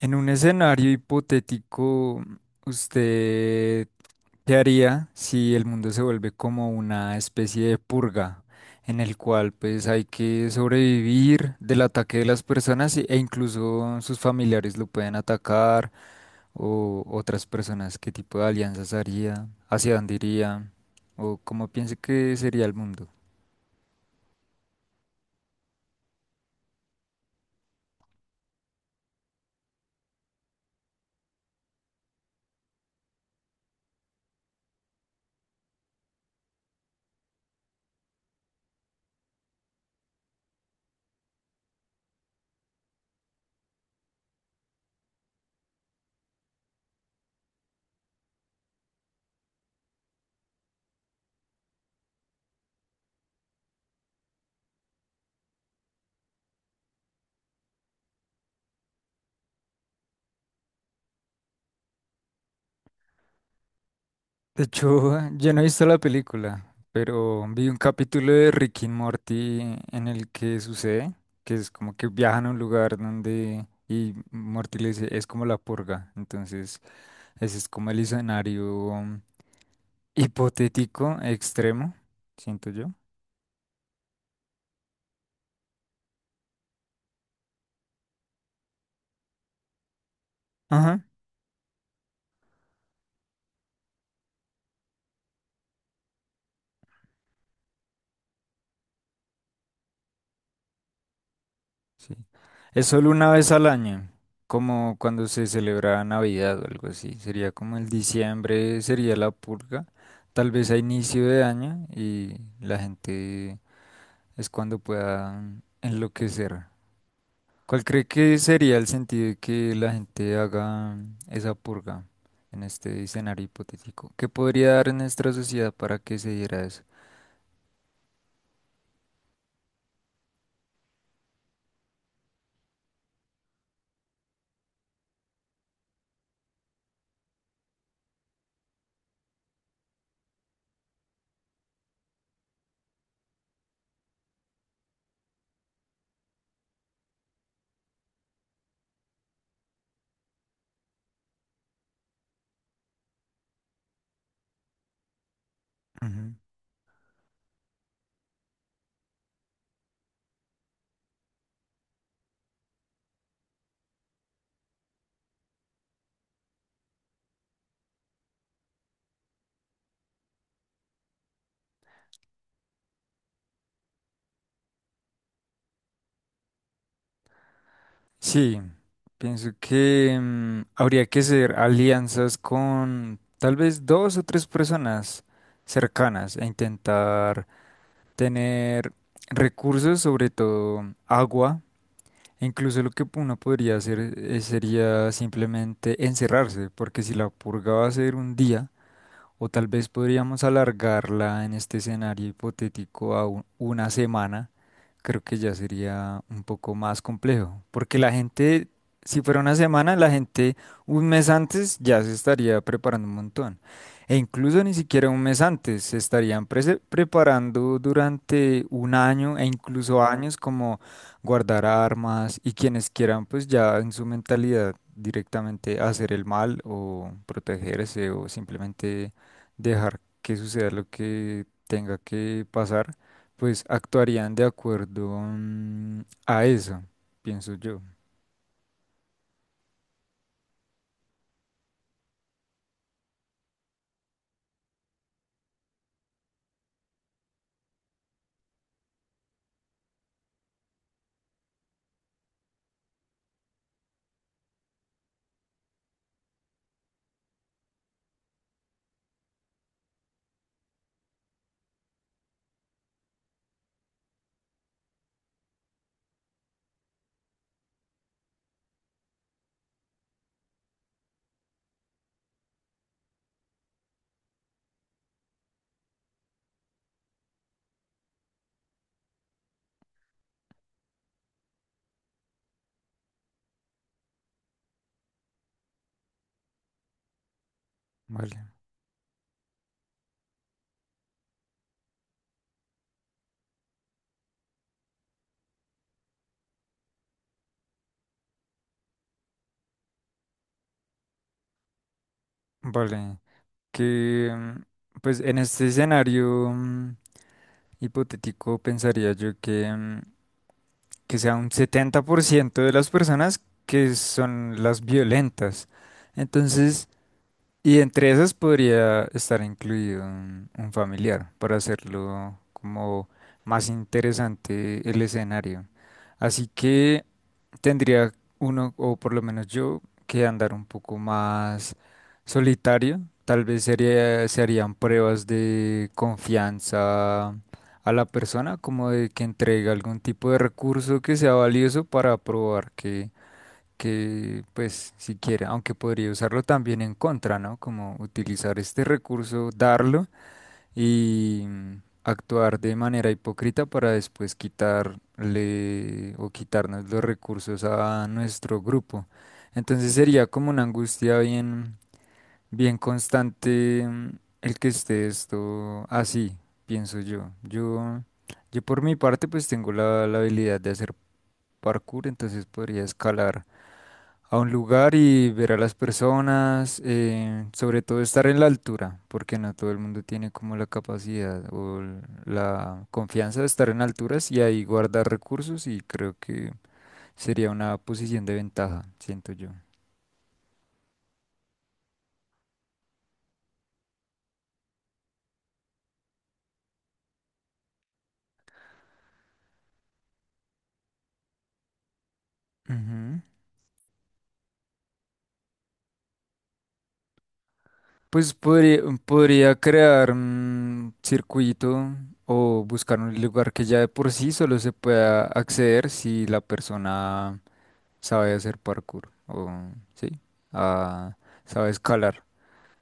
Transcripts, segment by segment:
En un escenario hipotético, ¿usted qué haría si el mundo se vuelve como una especie de purga en el cual pues hay que sobrevivir del ataque de las personas e incluso sus familiares lo pueden atacar o otras personas? ¿Qué tipo de alianzas haría? ¿Hacia dónde iría? ¿O cómo piensa que sería el mundo? De hecho, yo no he visto la película, pero vi un capítulo de Rick y Morty en el que sucede, que es como que viajan a un lugar donde y Morty le dice, es como la purga. Entonces, ese es como el escenario hipotético extremo, siento yo. Ajá, sí. Es solo una vez al año, como cuando se celebra Navidad o algo así. Sería como el diciembre, sería la purga tal vez a inicio de año y la gente es cuando pueda enloquecer. ¿Cuál cree que sería el sentido de que la gente haga esa purga en este escenario hipotético? ¿Qué podría dar en nuestra sociedad para que se diera eso? Ujú. Sí, pienso que habría que hacer alianzas con tal vez dos o tres personas cercanas e intentar tener recursos, sobre todo agua. Incluso lo que uno podría hacer sería simplemente encerrarse, porque si la purga va a ser un día, o tal vez podríamos alargarla en este escenario hipotético a una semana. Creo que ya sería un poco más complejo. Porque la gente, si fuera una semana, la gente un mes antes ya se estaría preparando un montón. E incluso ni siquiera un mes antes, se estarían preparando durante un año e incluso años como guardar armas, y quienes quieran pues ya en su mentalidad directamente hacer el mal o protegerse o simplemente dejar que suceda lo que tenga que pasar, pues actuarían de acuerdo mm, a eso, pienso yo. Vale, vale. Que pues en este escenario hipotético pensaría yo que, que sea un 70% de las personas que son las violentas. Entonces, y entre esas podría estar incluido un familiar para hacerlo como más interesante el escenario. Así que tendría uno, o por lo menos yo, que andar un poco más solitario. Tal vez sería, se harían pruebas de confianza a la persona, como de que entregue algún tipo de recurso que sea valioso para probar que pues siquiera, aunque podría usarlo también en contra, ¿no? Como utilizar este recurso, darlo y actuar de manera hipócrita para después quitarle o quitarnos los recursos a nuestro grupo. Entonces sería como una angustia bien, bien constante el que esté esto así, pienso yo. Yo por mi parte pues tengo la habilidad de hacer parkour, entonces podría escalar a un lugar y ver a las personas, sobre todo estar en la altura, porque no todo el mundo tiene como la capacidad o la confianza de estar en alturas y ahí guardar recursos, y creo que sería una posición de ventaja, siento yo. Ujú. Pues podría crear un circuito o buscar un lugar que ya de por sí solo se pueda acceder si la persona sabe hacer parkour o sí, ah, sabe escalar.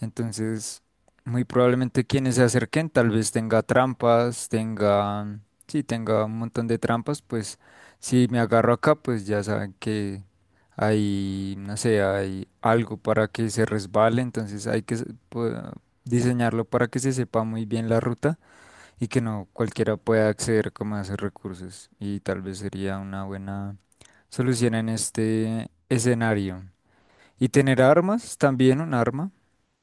Entonces, muy probablemente quienes se acerquen, tal vez tenga trampas, tenga, sí, tenga un montón de trampas, pues si me agarro acá, pues ya saben que hay, no sé, hay algo para que se resbale, entonces hay que diseñarlo para que se sepa muy bien la ruta y que no cualquiera pueda acceder como a esos recursos. Y tal vez sería una buena solución en este escenario. Y tener armas, también un arma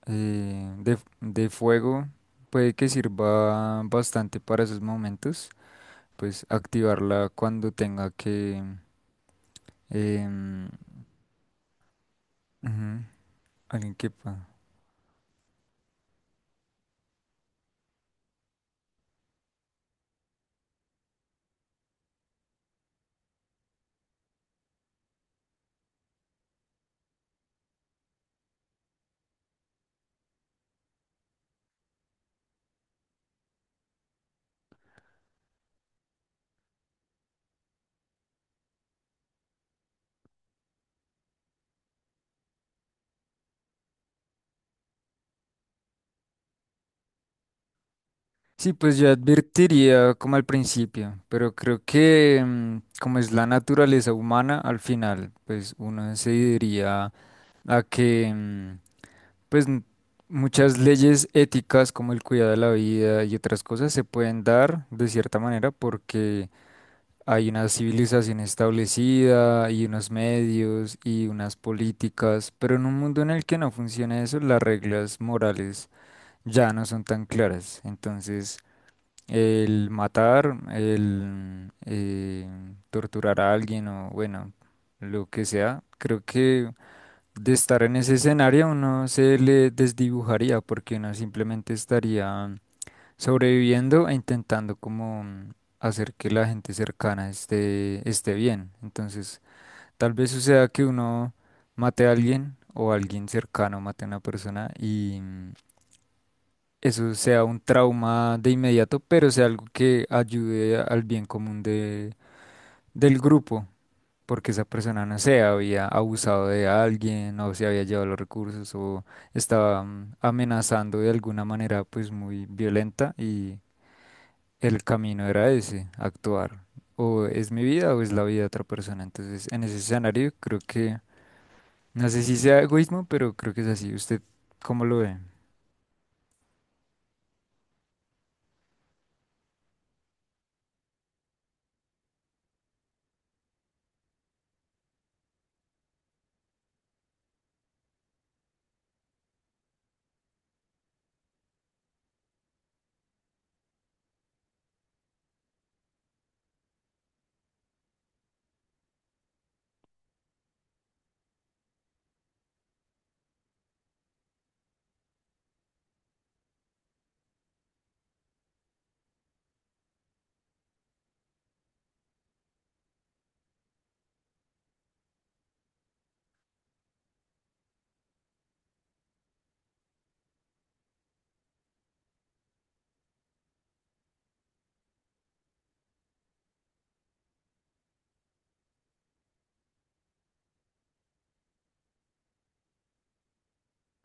de fuego puede que sirva bastante para esos momentos, pues activarla cuando tenga que... em, ujú, alguien que... pa- Sí, pues yo advertiría como al principio, pero creo que como es la naturaleza humana, al final, pues uno se diría a que, pues n- muchas leyes éticas como el cuidado de la vida y otras cosas se pueden dar de cierta manera porque hay una civilización establecida y unos medios y unas políticas, pero en un mundo en el que no funciona eso, las reglas morales ya no son tan claras. Entonces, el matar, el torturar a alguien o bueno, lo que sea, creo que de estar en ese escenario uno se le desdibujaría porque uno simplemente estaría sobreviviendo e intentando como hacer que la gente cercana esté, esté bien. Entonces, tal vez suceda que uno mate a alguien o alguien cercano mate a una persona y eso sea un trauma de inmediato, pero sea algo que ayude al bien común de, del grupo. Porque esa persona, no sé, había abusado de alguien o se había llevado los recursos o estaba amenazando de alguna manera pues muy violenta y el camino era ese, actuar. O es mi vida o es la vida de otra persona. Entonces, en ese escenario, creo que, no sé si sea egoísmo, pero creo que es así. ¿Usted cómo lo ve?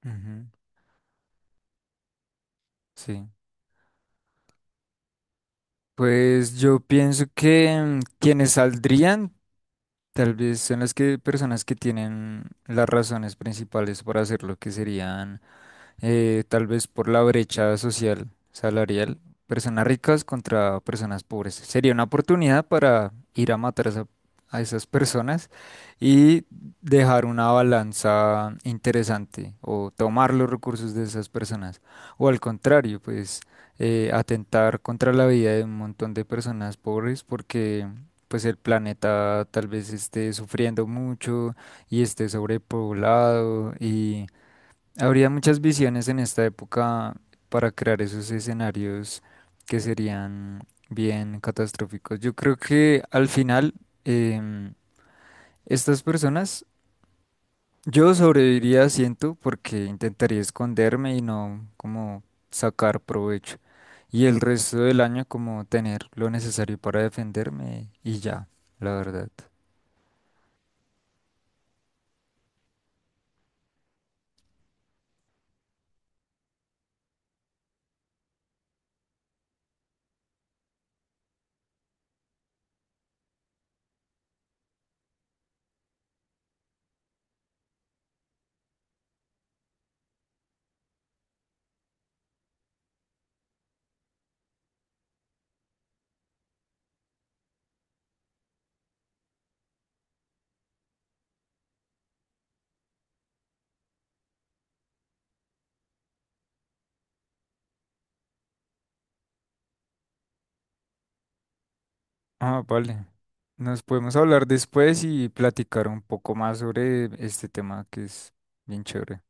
Ujú, sí. Pues yo pienso que quienes saldrían tal vez son las que personas que tienen las razones principales para hacerlo, que serían tal vez por la brecha social, salarial, personas ricas contra personas pobres. Sería una oportunidad para ir a matar a esas personas y dejar una balanza interesante o tomar los recursos de esas personas. O al contrario, pues atentar contra la vida de un montón de personas pobres porque... pues el planeta tal vez esté sufriendo mucho y esté sobrepoblado. Habría muchas visiones en esta época para crear esos escenarios que serían bien catastróficos. Yo creo que al final em, estas personas, yo sobreviviría, siento, porque intentaría esconderme y no como sacar provecho. Y el resto del año como tener lo necesario para defenderme y ya, la verdad. Ah, vale. Nos podemos hablar después y platicar un poco más sobre este tema que es bien chévere.